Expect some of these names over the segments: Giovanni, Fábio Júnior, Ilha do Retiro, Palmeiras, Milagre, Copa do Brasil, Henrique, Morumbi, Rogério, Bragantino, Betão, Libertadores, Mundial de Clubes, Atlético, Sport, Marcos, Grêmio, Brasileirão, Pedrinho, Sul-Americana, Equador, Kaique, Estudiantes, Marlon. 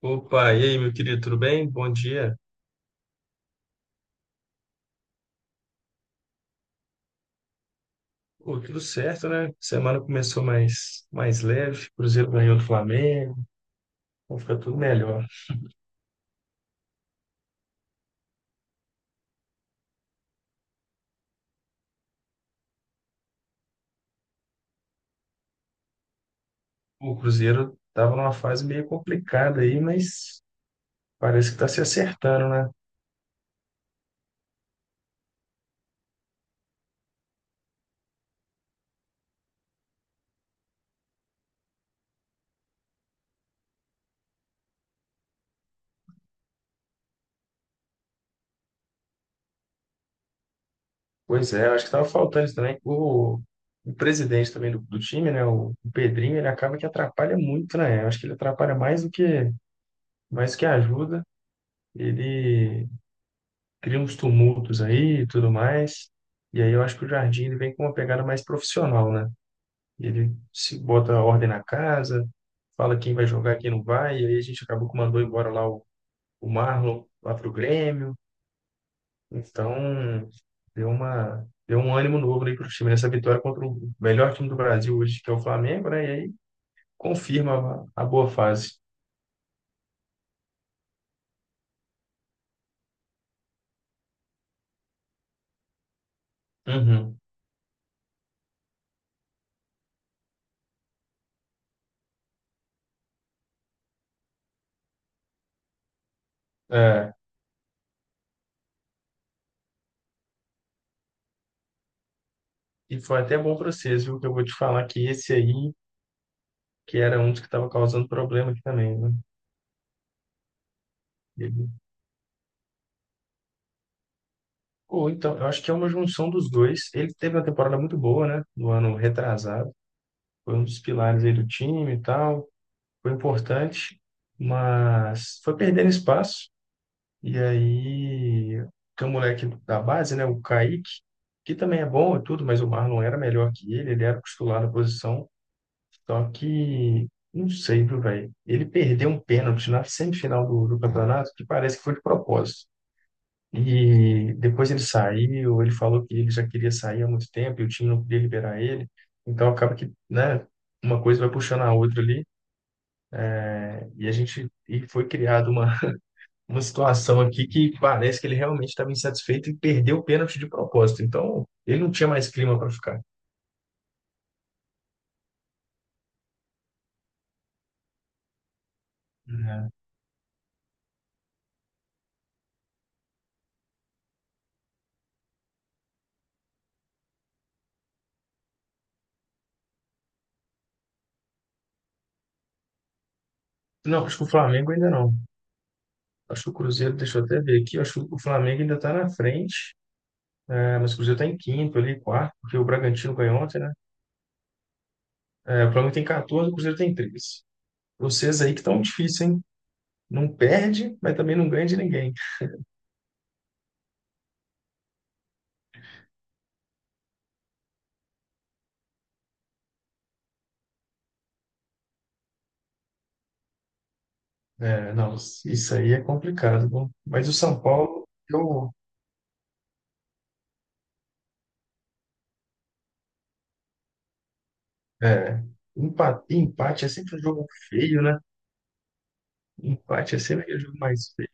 Opa, e aí, meu querido, tudo bem? Bom dia. Pô, tudo certo, né? Semana começou mais leve, Cruzeiro ganhou do Flamengo, então fica tudo melhor. O Cruzeiro estava numa fase meio complicada aí, mas parece que está se acertando, né? Pois é, acho que estava faltando isso também. O presidente também do time, né? O Pedrinho, ele acaba que atrapalha muito, né? Eu acho que ele atrapalha mais do que ajuda. Ele cria uns tumultos aí e tudo mais. E aí eu acho que o jardim ele vem com uma pegada mais profissional, né? Ele se bota a ordem na casa, fala quem vai jogar, quem não vai, e aí a gente acabou que mandou embora o Marlon lá pro Grêmio. Então, deu um ânimo novo aí pro time nessa vitória contra o melhor time do Brasil hoje, que é o Flamengo, né? E aí confirma a boa fase. Uhum. É. E foi até bom para vocês, viu? Que eu vou te falar que esse aí, que era um dos que estava causando problema aqui também, né? Ele- Ou então, eu acho que é uma junção dos dois. Ele teve uma temporada muito boa, né? No ano retrasado. Foi um dos pilares aí do time e tal. Foi importante, mas foi perdendo espaço. E aí, tem um moleque da base, né? O Kaique, que também é bom e tudo, mas o Marlon era melhor que ele. Ele era o titular da posição. Só que, não sei, viu, velho? Ele perdeu um pênalti na semifinal do campeonato que parece que foi de propósito. E depois ele saiu, ele falou que ele já queria sair há muito tempo e o time não podia liberar ele. Então acaba que, né, uma coisa vai puxando a outra ali. E a gente foi criada uma, uma situação aqui que parece que ele realmente estava insatisfeito e perdeu o pênalti de propósito. Então ele não tinha mais clima para ficar. Não, acho que o Flamengo ainda não. Acho que o Cruzeiro, deixa eu até ver aqui, acho que o Flamengo ainda está na frente. É, mas o Cruzeiro está em quinto ali, quarto, porque o Bragantino ganhou ontem, né? É, o Flamengo tem 14, o Cruzeiro tem 13. Vocês aí que estão difícil, hein? Não perde, mas também não ganha de ninguém. É, não, isso aí é complicado. Viu? Mas o São Paulo, eu, é, empate é sempre um jogo feio, né? Empate é sempre aquele jogo mais feio.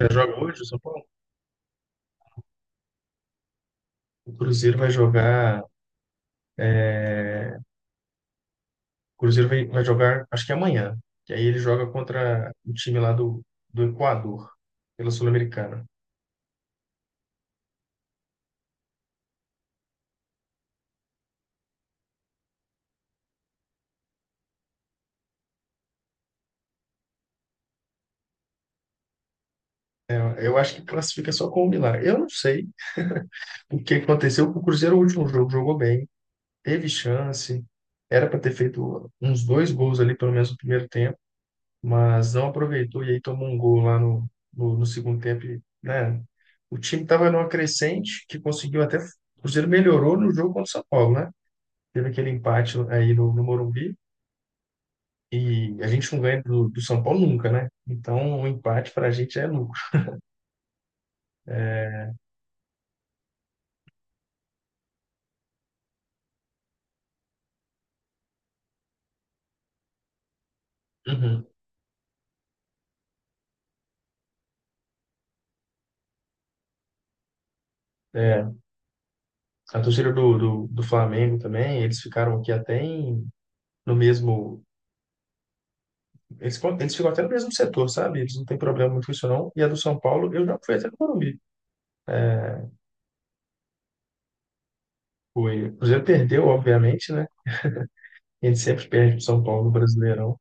Já joga hoje o São Paulo? O Cruzeiro vai jogar, é, o Cruzeiro vai jogar, acho que amanhã. Que aí ele joga contra o time lá do Equador, pela Sul-Americana. É, eu acho que classifica só com o Milagre. Eu não sei o que aconteceu, com o Cruzeiro, o último jogo, jogou bem. Teve chance, era para ter feito uns dois gols ali, pelo menos no primeiro tempo, mas não aproveitou e aí tomou um gol lá no segundo tempo. E, né? O time estava numa crescente que conseguiu até. O Cruzeiro melhorou no jogo contra o São Paulo, né? Teve aquele empate aí no Morumbi e a gente não ganha do São Paulo nunca, né? Então, o empate para a gente é lucro. Uhum. É, a torcida do Flamengo também, eles ficaram aqui até em, no mesmo eles ficam até no mesmo setor, sabe? Eles não têm problema muito com isso, não. E a do São Paulo, eu já fui até no Morumbi. Fui. O Cruzeiro perdeu, obviamente, né? A gente sempre perde pro São Paulo no Brasileirão.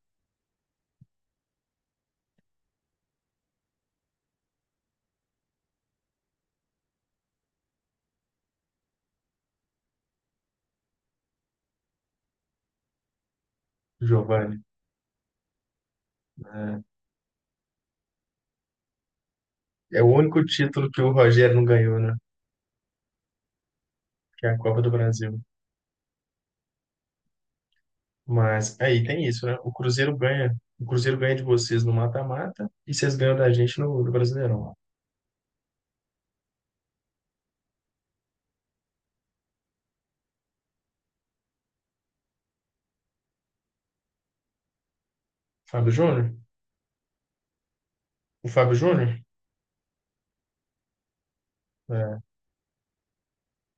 Giovanni. É é o único título que o Rogério não ganhou, né? Que é a Copa do Brasil. Mas aí tem isso, né? O Cruzeiro ganha. O Cruzeiro ganha de vocês no mata-mata e vocês ganham da gente no Brasileirão. Fábio Júnior? O Fábio Júnior? É,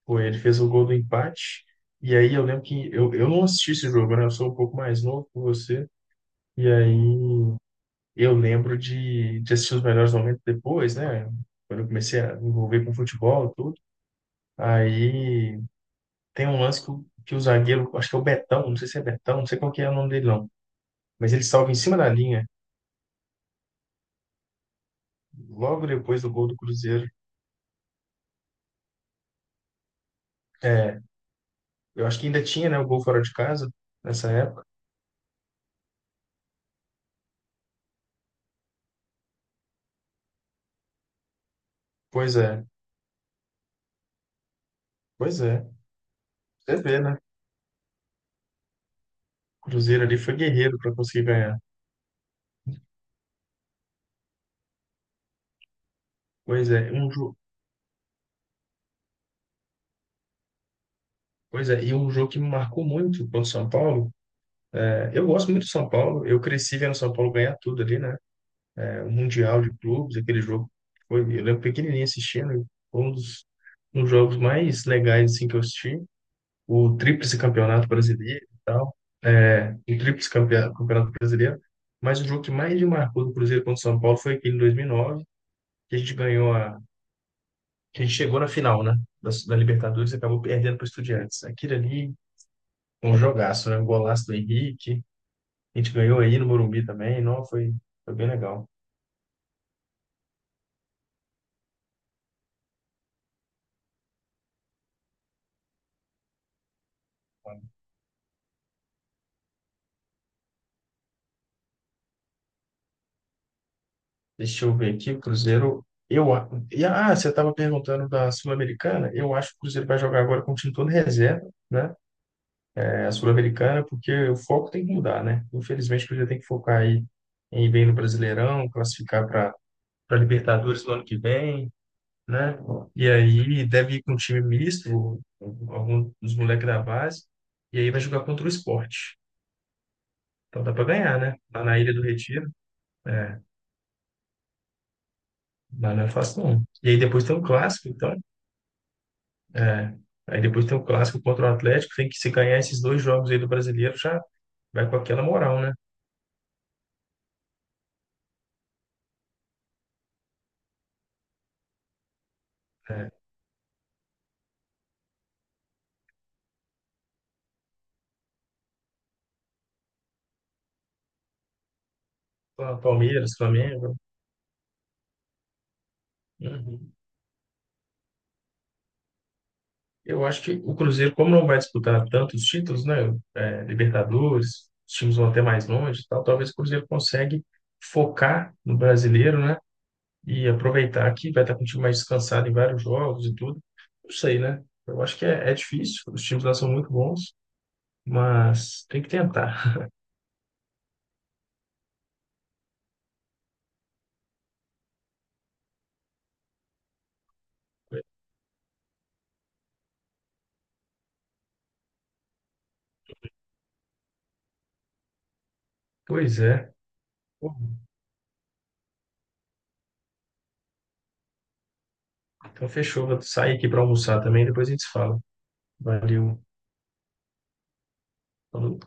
foi, ele fez o gol do empate. E aí eu lembro que eu não assisti esse jogo, né? Eu sou um pouco mais novo que você. E aí eu lembro de assistir os melhores momentos depois, né? Quando eu comecei a me envolver com futebol e tudo. Aí tem um lance que, que o zagueiro, acho que é o Betão, não sei se é Betão, não sei qual que é o nome dele não. Mas ele salva em cima da linha, logo depois do gol do Cruzeiro. É, eu acho que ainda tinha, né, o gol fora de casa nessa época. Pois é, pois é. Você vê, né? O Cruzeiro ali foi guerreiro para conseguir ganhar. Pois é, um jogo, pois é, e um jogo que me marcou muito contra o São Paulo. Eu gosto muito de São Paulo. Eu cresci vendo São Paulo ganhar tudo ali, né? É, o Mundial de Clubes, aquele jogo. Que foi, eu lembro pequenininho assistindo. E foi um dos jogos mais legais assim, que eu assisti. O tríplice campeonato brasileiro e tal. É, o campeonato brasileiro. Mas o jogo que mais me marcou do Cruzeiro contra o São Paulo foi aquele em 2009, que a gente ganhou a... que a gente chegou na final, né? Da Libertadores e acabou perdendo para o Estudiantes. Aquilo ali, um jogaço, né? Um golaço do Henrique. A gente ganhou aí no Morumbi também, não, foi, foi bem legal. Deixa eu ver aqui, o Cruzeiro, eu, a- e, ah, você estava perguntando da Sul-Americana, eu acho que o Cruzeiro vai jogar agora com o time todo reserva, né? É, a Sul-Americana, porque o foco tem que mudar, né? Infelizmente, o Cruzeiro tem que focar aí em ir bem no Brasileirão, classificar para Libertadores no ano que vem, né? E aí deve ir com um time misto, alguns dos moleques da base, e aí vai jogar contra o Sport. Então dá para ganhar, né? Lá na Ilha do Retiro. É. Não, não é fácil, não. E aí depois tem o clássico, então. É, aí depois tem o clássico contra o Atlético. Tem que se ganhar esses dois jogos aí do brasileiro, já vai com aquela moral, né? É, Palmeiras, Flamengo. Uhum. Eu acho que o Cruzeiro, como não vai disputar tantos títulos, né? É, Libertadores, os times vão até mais longe e tal, talvez o Cruzeiro consegue focar no brasileiro, né? E aproveitar que vai estar com o time mais descansado em vários jogos e tudo. Não sei, né? Eu acho que é difícil. Os times lá são muito bons. Mas tem que tentar. Pois é. Então fechou, vou sair aqui para almoçar também, depois a gente se fala. Valeu. Falou.